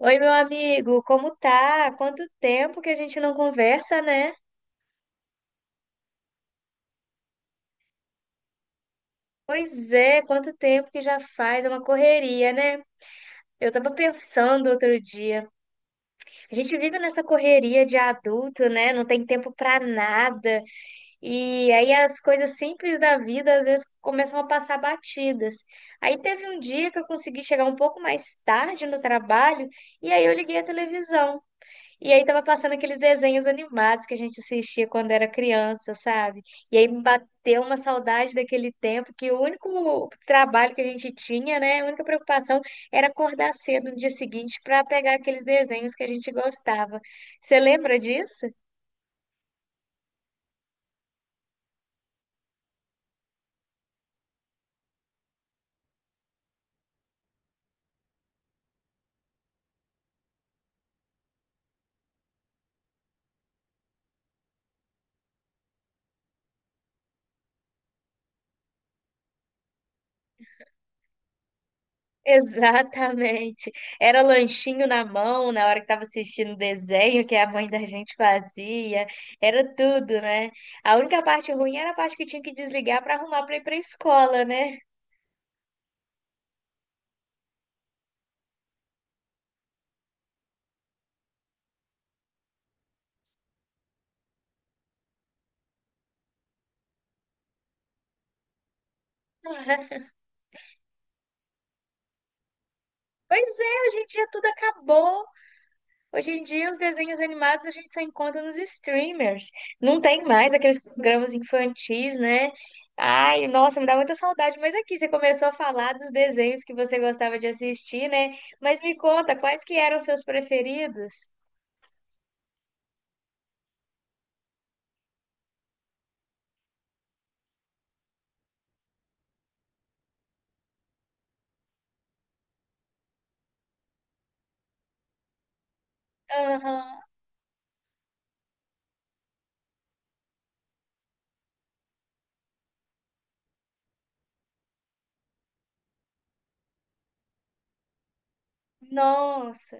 Oi, meu amigo, como tá? Quanto tempo que a gente não conversa, né? Pois é, quanto tempo que já faz, é uma correria, né? Eu tava pensando outro dia. A gente vive nessa correria de adulto, né? Não tem tempo pra nada. E aí as coisas simples da vida às vezes começam a passar batidas. Aí teve um dia que eu consegui chegar um pouco mais tarde no trabalho e aí eu liguei a televisão. E aí tava passando aqueles desenhos animados que a gente assistia quando era criança, sabe? E aí me bateu uma saudade daquele tempo que o único trabalho que a gente tinha, né, a única preocupação era acordar cedo no dia seguinte para pegar aqueles desenhos que a gente gostava. Você lembra disso? Exatamente. Era lanchinho na mão na hora que tava assistindo o desenho que a mãe da gente fazia. Era tudo, né? A única parte ruim era a parte que tinha que desligar para arrumar para ir para escola, né? Pois é, hoje em dia tudo acabou. Hoje em dia os desenhos animados a gente só encontra nos streamers. Não tem mais aqueles programas infantis, né? Ai, nossa, me dá muita saudade. Mas aqui você começou a falar dos desenhos que você gostava de assistir, né? Mas me conta, quais que eram os seus preferidos? Aham. Nossa.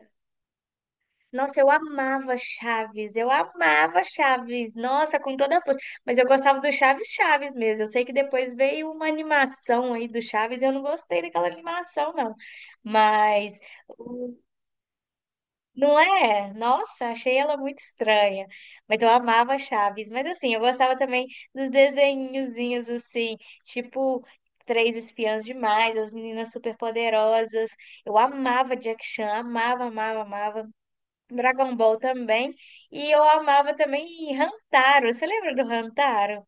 Nossa, eu amava Chaves, nossa, com toda a força. Mas eu gostava do Chaves Chaves mesmo. Eu sei que depois veio uma animação aí do Chaves, eu não gostei daquela animação, não. Mas, o- não é? Nossa, achei ela muito estranha. Mas eu amava Chaves. Mas assim, eu gostava também dos desenhozinhos assim, tipo Três Espiãs Demais, As Meninas Superpoderosas. Eu amava Jack Chan, amava, amava, amava. Dragon Ball também. E eu amava também Rantaro. Você lembra do Rantaro?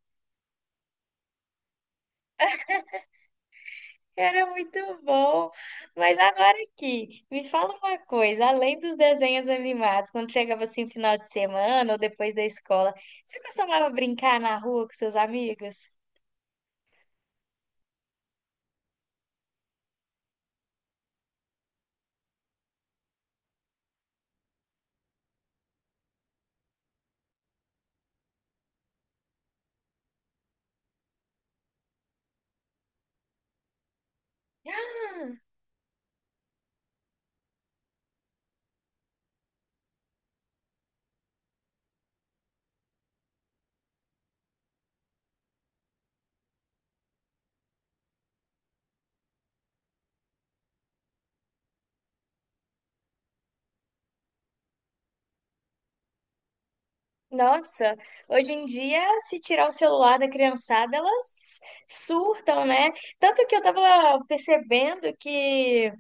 Era muito bom. Mas agora aqui, me fala uma coisa, além dos desenhos animados, quando chegava assim final de semana ou depois da escola, você costumava brincar na rua com seus amigos? Ah, nossa, hoje em dia, se tirar o celular da criançada, elas surtam, né? Tanto que eu tava percebendo que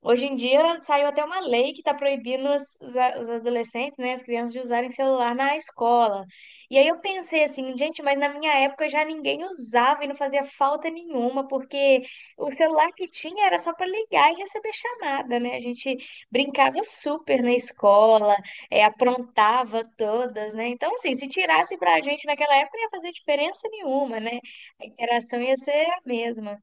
hoje em dia saiu até uma lei que está proibindo os adolescentes, né, as crianças de usarem celular na escola. E aí eu pensei assim, gente, mas na minha época já ninguém usava e não fazia falta nenhuma, porque o celular que tinha era só para ligar e receber chamada, né? A gente brincava super na escola, é, aprontava todas, né? Então, assim, se tirasse para a gente naquela época, não ia fazer diferença nenhuma, né? A interação ia ser a mesma.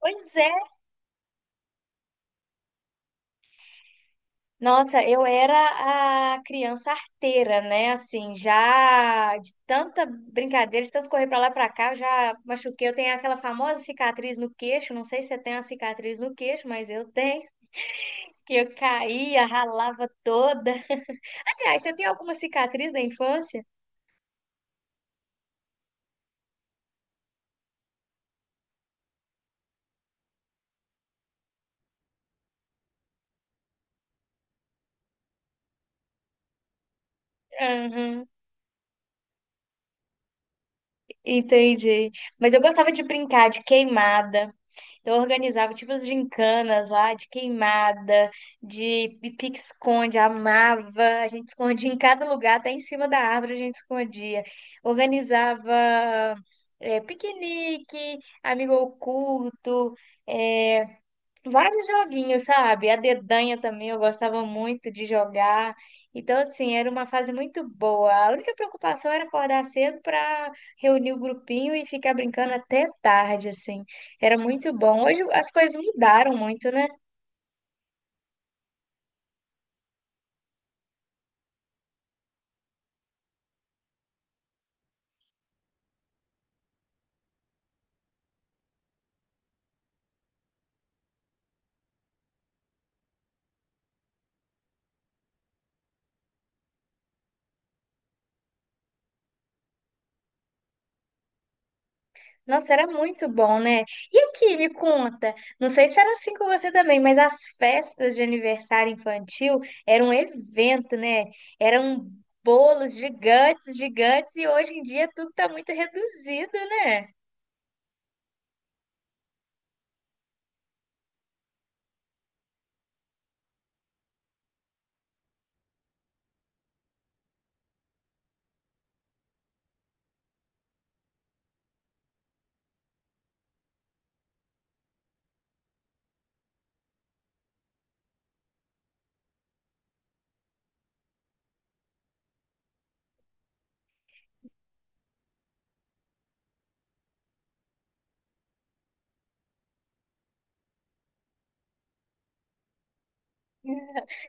Pois é, nossa, eu era a criança arteira, né? Assim, já de tanta brincadeira, de tanto correr pra lá e pra cá, eu já machuquei. Eu tenho aquela famosa cicatriz no queixo. Não sei se você tem uma cicatriz no queixo, mas eu tenho. Que eu caía, ralava toda. Aliás, você tem alguma cicatriz da infância? Aham, entendi. Mas eu gostava de brincar de queimada. Então, eu organizava tipo as gincanas lá, de queimada, de pique-esconde, amava. A gente escondia em cada lugar, até em cima da árvore a gente escondia. Organizava piquenique, amigo oculto, eh, vários joguinhos, sabe? A dedanha também eu gostava muito de jogar. Então, assim, era uma fase muito boa. A única preocupação era acordar cedo para reunir o grupinho e ficar brincando até tarde, assim. Era muito bom. Hoje as coisas mudaram muito, né? Nossa, era muito bom, né? E aqui, me conta, não sei se era assim com você também, mas as festas de aniversário infantil eram um evento, né? Eram bolos gigantes, gigantes, e hoje em dia tudo tá muito reduzido, né?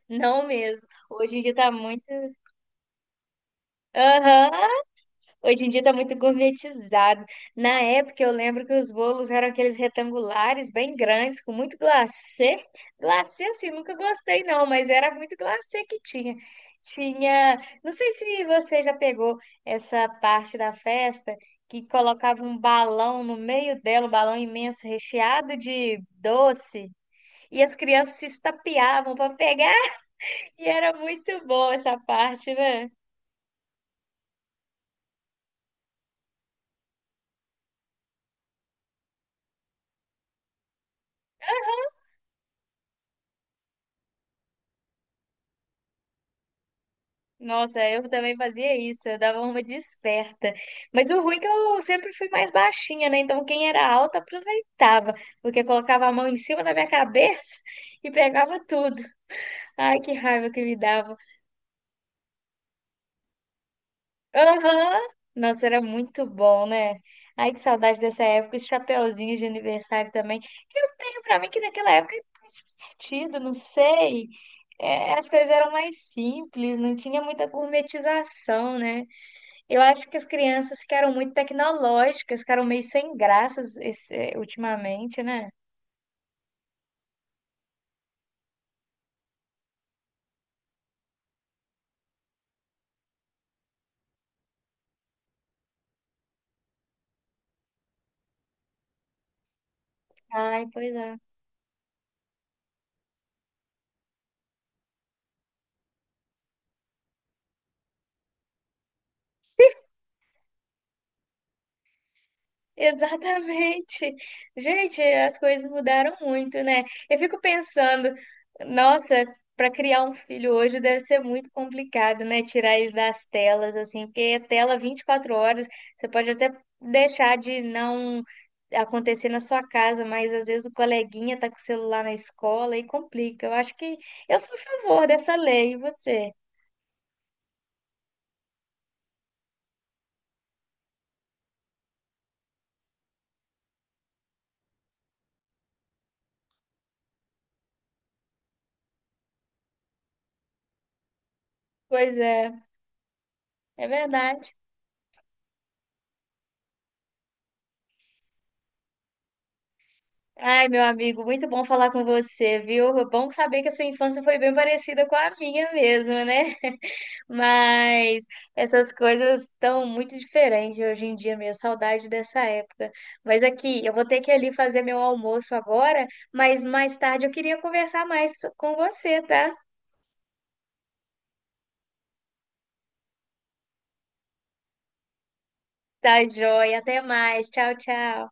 Não mesmo. Hoje em dia tá muito. Aham, hoje em dia tá muito gourmetizado. Na época eu lembro que os bolos eram aqueles retangulares bem grandes, com muito glacê. Glacê assim, nunca gostei não, mas era muito glacê que tinha. Tinha, não sei se você já pegou essa parte da festa que colocava um balão no meio dela, um balão imenso recheado de doce, e as crianças se estapeavam para pegar, e era muito boa essa parte, né? Nossa, eu também fazia isso, eu dava uma de esperta. Mas o ruim é que eu sempre fui mais baixinha, né? Então quem era alta aproveitava, porque colocava a mão em cima da minha cabeça e pegava tudo. Ai, que raiva que me dava. Aham! Nossa, era muito bom, né? Ai, que saudade dessa época, esse chapeuzinho de aniversário também. Eu tenho pra mim que naquela época é divertido, não sei. É, as coisas eram mais simples, não tinha muita gourmetização, né? Eu acho que as crianças ficaram muito tecnológicas, ficaram meio sem graças ultimamente, né? Ai, pois é. Exatamente. Gente, as coisas mudaram muito, né? Eu fico pensando, nossa, para criar um filho hoje deve ser muito complicado, né? Tirar ele das telas, assim, porque é tela 24 horas, você pode até deixar de não acontecer na sua casa, mas às vezes o coleguinha tá com o celular na escola e complica. Eu acho que eu sou a favor dessa lei, e você? Pois é, é verdade. Ai, meu amigo, muito bom falar com você, viu? É bom saber que a sua infância foi bem parecida com a minha mesmo, né? Mas essas coisas estão muito diferentes hoje em dia, minha saudade dessa época. Mas aqui, eu vou ter que ir ali fazer meu almoço agora, mas mais tarde eu queria conversar mais com você, tá? Tá, joia. Até mais. Tchau, tchau.